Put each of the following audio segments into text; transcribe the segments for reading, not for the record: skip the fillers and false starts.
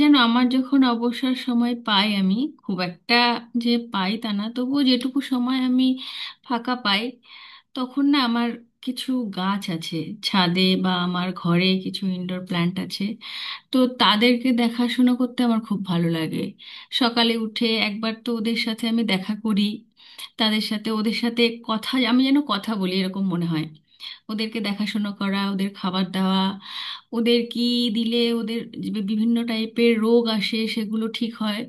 যেন আমার যখন অবসর সময় পাই আমি খুব একটা যে পাই তা না, তবুও যেটুকু সময় আমি ফাঁকা পাই তখন না আমার কিছু গাছ আছে, ছাদে বা আমার ঘরে কিছু ইনডোর প্ল্যান্ট আছে। তো তাদেরকে দেখাশোনা করতে আমার খুব ভালো লাগে। সকালে উঠে একবার তো ওদের সাথে আমি দেখা করি, তাদের সাথে ওদের সাথে কথা আমি যেন কথা বলি এরকম মনে হয়। ওদেরকে দেখাশুনো করা, ওদের খাবার দেওয়া, ওদের কি দিলে ওদের যে বিভিন্ন টাইপের রোগ আসে সেগুলো ঠিক হয়।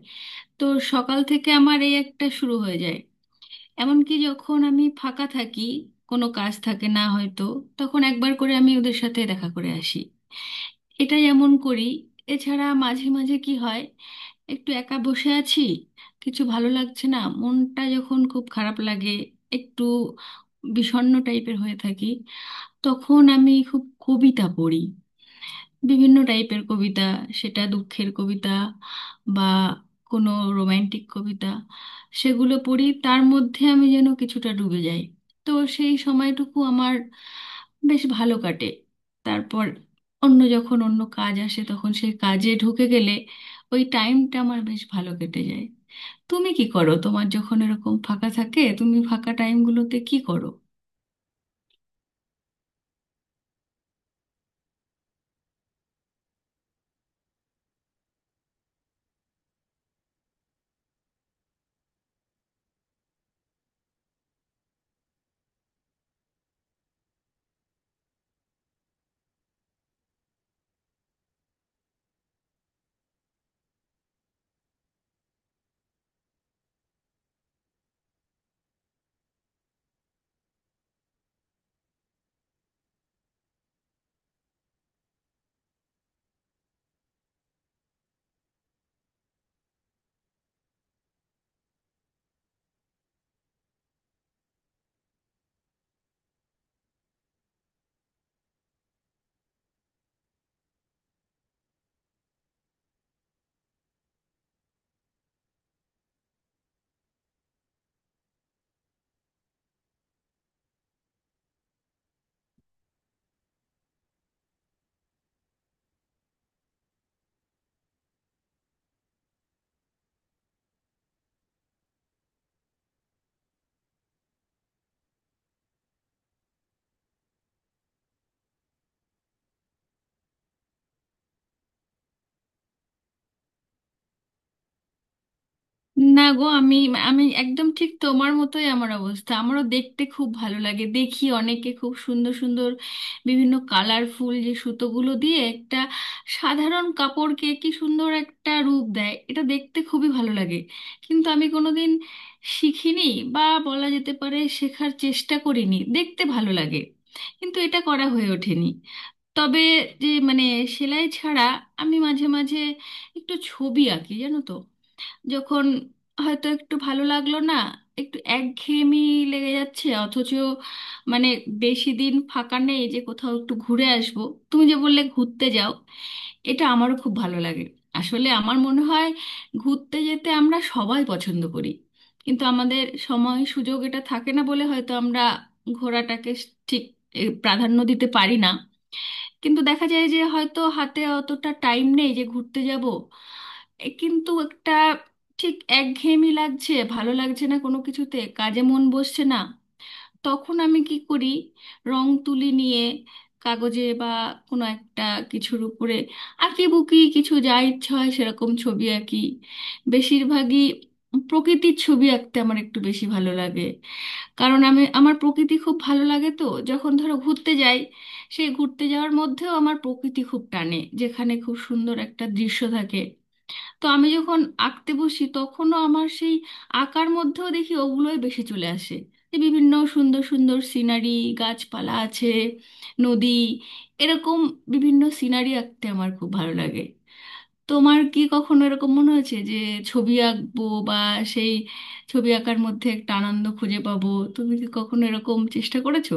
তো সকাল থেকে আমার এই একটা শুরু হয়ে যায়। এমনকি যখন আমি ফাঁকা থাকি, কোনো কাজ থাকে না হয়তো, তখন একবার করে আমি ওদের সাথে দেখা করে আসি, এটা এমন করি। এছাড়া মাঝে মাঝে কি হয়, একটু একা বসে আছি, কিছু ভালো লাগছে না, মনটা যখন খুব খারাপ লাগে, একটু বিষণ্ণ টাইপের হয়ে থাকি, তখন আমি খুব কবিতা পড়ি। বিভিন্ন টাইপের কবিতা, সেটা দুঃখের কবিতা বা কোনো রোমান্টিক কবিতা, সেগুলো পড়ি, তার মধ্যে আমি যেন কিছুটা ডুবে যাই। তো সেই সময়টুকু আমার বেশ ভালো কাটে। তারপর অন্য যখন অন্য কাজ আসে তখন সেই কাজে ঢুকে গেলে ওই টাইমটা আমার বেশ ভালো কেটে যায়। তুমি কি করো, তোমার যখন এরকম ফাঁকা থাকে তুমি ফাঁকা টাইমগুলোতে কি করো? না গো, আমি আমি একদম ঠিক তোমার মতোই আমার অবস্থা। আমারও দেখতে খুব ভালো লাগে, দেখি অনেকে খুব সুন্দর সুন্দর বিভিন্ন কালারফুল যে সুতোগুলো দিয়ে একটা সাধারণ কাপড়কে কি সুন্দর একটা রূপ দেয়, এটা দেখতে খুবই ভালো লাগে। কিন্তু আমি কোনোদিন শিখিনি, বা বলা যেতে পারে শেখার চেষ্টা করিনি। দেখতে ভালো লাগে কিন্তু এটা করা হয়ে ওঠেনি। তবে যে মানে সেলাই ছাড়া আমি মাঝে মাঝে একটু ছবি আঁকি জানো তো। যখন হয়তো একটু ভালো লাগলো না, একটু একঘেয়েমি লেগে যাচ্ছে, অথচ মানে বেশি দিন ফাঁকা নেই যে কোথাও একটু ঘুরে আসবো। তুমি যে বললে ঘুরতে যাও, এটা আমারও খুব ভালো লাগে। আসলে আমার মনে হয় ঘুরতে যেতে আমরা সবাই পছন্দ করি, কিন্তু আমাদের সময় সুযোগ এটা থাকে না বলে হয়তো আমরা ঘোরাটাকে ঠিক প্রাধান্য দিতে পারি না। কিন্তু দেখা যায় যে হয়তো হাতে অতটা টাইম নেই যে ঘুরতে যাব, এ কিন্তু একটা ঠিক একঘেয়েমি লাগছে, ভালো লাগছে না কোনো কিছুতে, কাজে মন বসছে না, তখন আমি কি করি, রং তুলি নিয়ে কাগজে বা কোনো একটা কিছুর উপরে আঁকিবুকি কিছু যা ইচ্ছে হয় সেরকম ছবি আঁকি। বেশিরভাগই প্রকৃতির ছবি আঁকতে আমার একটু বেশি ভালো লাগে, কারণ আমি আমার প্রকৃতি খুব ভালো লাগে তো। যখন ধরো ঘুরতে যাই, সেই ঘুরতে যাওয়ার মধ্যেও আমার প্রকৃতি খুব টানে, যেখানে খুব সুন্দর একটা দৃশ্য থাকে। তো আমি যখন আঁকতে বসি তখনও আমার সেই আঁকার মধ্যেও দেখি ওগুলোই বেশি চলে আসে, যে বিভিন্ন সুন্দর সুন্দর সিনারি, গাছপালা আছে, নদী, এরকম বিভিন্ন সিনারি আঁকতে আমার খুব ভালো লাগে। তোমার কি কখনো এরকম মনে হয়েছে যে ছবি আঁকবো বা সেই ছবি আঁকার মধ্যে একটা আনন্দ খুঁজে পাবো? তুমি কি কখনো এরকম চেষ্টা করেছো?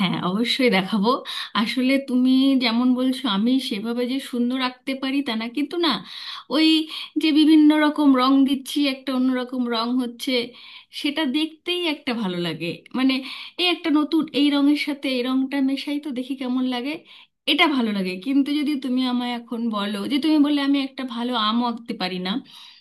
হ্যাঁ, অবশ্যই দেখাবো। আসলে তুমি যেমন বলছো আমি সেভাবে যে সুন্দর আঁকতে পারি তা না, কিন্তু না ওই যে বিভিন্ন রকম রং দিচ্ছি, একটা অন্যরকম রং হচ্ছে, সেটা দেখতেই একটা ভালো লাগে। মানে এই একটা নতুন এই রঙের সাথে এই রংটা মেশাই তো দেখি কেমন লাগে, এটা ভালো লাগে। কিন্তু যদি তুমি আমায় এখন বলো, যে তুমি বললে আমি একটা ভালো আমও আঁকতে পারি না,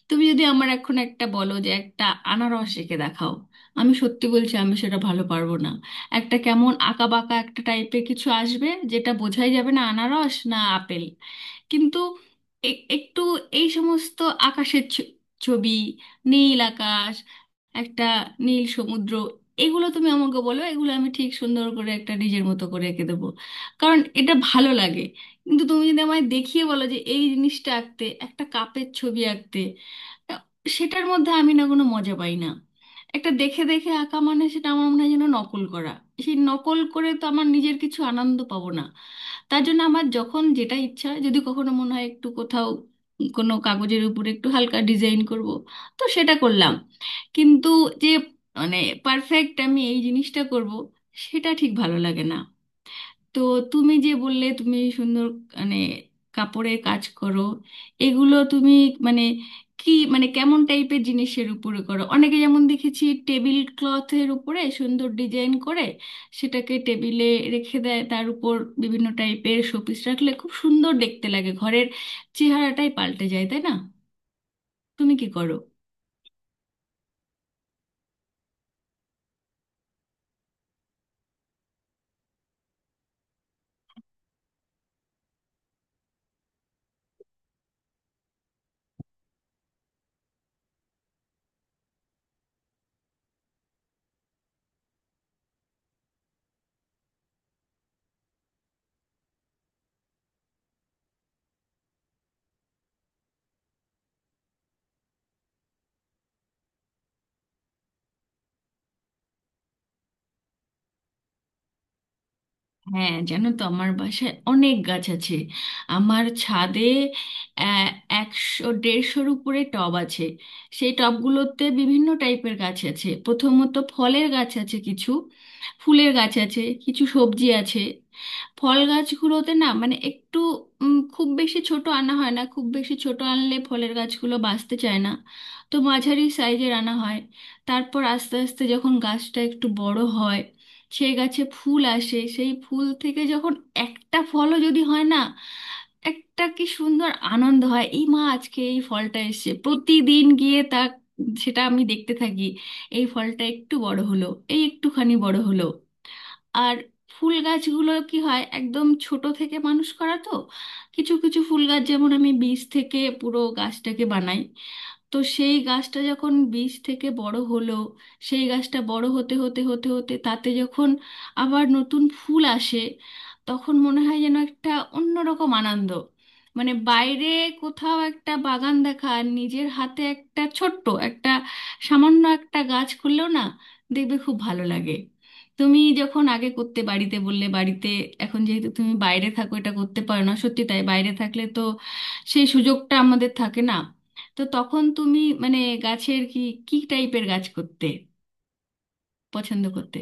তুমি যদি আমার এখন একটা বলো যে একটা আনারস এঁকে দেখাও, আমি সত্যি বলছি আমি সেটা ভালো পারবো না। একটা কেমন আঁকা বাঁকা একটা টাইপের কিছু আসবে যেটা বোঝাই যাবে না আনারস না আপেল। কিন্তু একটু এই সমস্ত আকাশের ছবি, নীল আকাশ, একটা নীল সমুদ্র, এগুলো তুমি আমাকে বলো, এগুলো আমি ঠিক সুন্দর করে একটা নিজের মতো করে এঁকে দেবো, কারণ এটা ভালো লাগে। কিন্তু তুমি যদি আমায় দেখিয়ে বলো যে এই জিনিসটা আঁকতে, একটা কাপের ছবি আঁকতে, সেটার মধ্যে আমি না কোনো মজা পাই না। একটা দেখে দেখে আঁকা মানে সেটা আমার মনে হয় যেন নকল করা। সেই নকল করে তো আমার নিজের কিছু আনন্দ পাবো না। তার জন্য আমার যখন যেটা ইচ্ছা হয়, যদি কখনো মনে হয় একটু কোথাও কোনো কাগজের উপরে একটু হালকা ডিজাইন করব, তো সেটা করলাম। কিন্তু যে মানে পারফেক্ট আমি এই জিনিসটা করব, সেটা ঠিক ভালো লাগে না। তো তুমি যে বললে তুমি সুন্দর মানে কাপড়ের কাজ করো, এগুলো তুমি মানে কি মানে কেমন টাইপের জিনিসের উপরে করো? অনেকে যেমন দেখেছি টেবিল ক্লথের উপরে সুন্দর ডিজাইন করে সেটাকে টেবিলে রেখে দেয়, তার উপর বিভিন্ন টাইপের শোপিস রাখলে খুব সুন্দর দেখতে লাগে, ঘরের চেহারাটাই পাল্টে যায়, তাই না? তুমি কি করো? হ্যাঁ, জানো তো আমার বাসায় অনেক গাছ আছে। আমার ছাদে আহ, 100 150-র উপরে টব আছে। সেই টবগুলোতে বিভিন্ন টাইপের গাছ আছে, প্রথমত ফলের গাছ আছে কিছু, ফুলের গাছ আছে কিছু, সবজি আছে। ফল গাছগুলোতে না মানে একটু খুব বেশি ছোট আনা হয় না, খুব বেশি ছোট আনলে ফলের গাছগুলো বাঁচতে চায় না। তো মাঝারি সাইজের আনা হয়। তারপর আস্তে আস্তে যখন গাছটা একটু বড় হয়, সে গাছে ফুল আসে, সেই ফুল থেকে যখন একটা ফলও যদি হয় না, একটা কি সুন্দর আনন্দ হয়, এই মা আজকে এই ফলটা এসেছে, প্রতিদিন গিয়ে তা সেটা আমি দেখতে থাকি। এই ফলটা একটু বড় হলো, এই একটুখানি বড় হলো। আর ফুল গাছগুলো কি হয় একদম ছোট থেকে মানুষ করা তো। কিছু কিছু ফুল গাছ যেমন আমি বীজ থেকে পুরো গাছটাকে বানাই। তো সেই গাছটা যখন বীজ থেকে বড় হলো, সেই গাছটা বড় হতে হতে হতে হতে তাতে যখন আবার নতুন ফুল আসে, তখন মনে হয় যেন একটা অন্যরকম আনন্দ। মানে বাইরে কোথাও একটা বাগান দেখা আর নিজের হাতে একটা ছোট্ট একটা সামান্য একটা গাছ করলেও না, দেখবে খুব ভালো লাগে। তুমি যখন আগে করতে বাড়িতে, বললে বাড়িতে, এখন যেহেতু তুমি বাইরে থাকো এটা করতে পারো না, সত্যি তাই, বাইরে থাকলে তো সেই সুযোগটা আমাদের থাকে না। তো তখন তুমি মানে গাছের কি, কি টাইপের গাছ করতে পছন্দ করতে?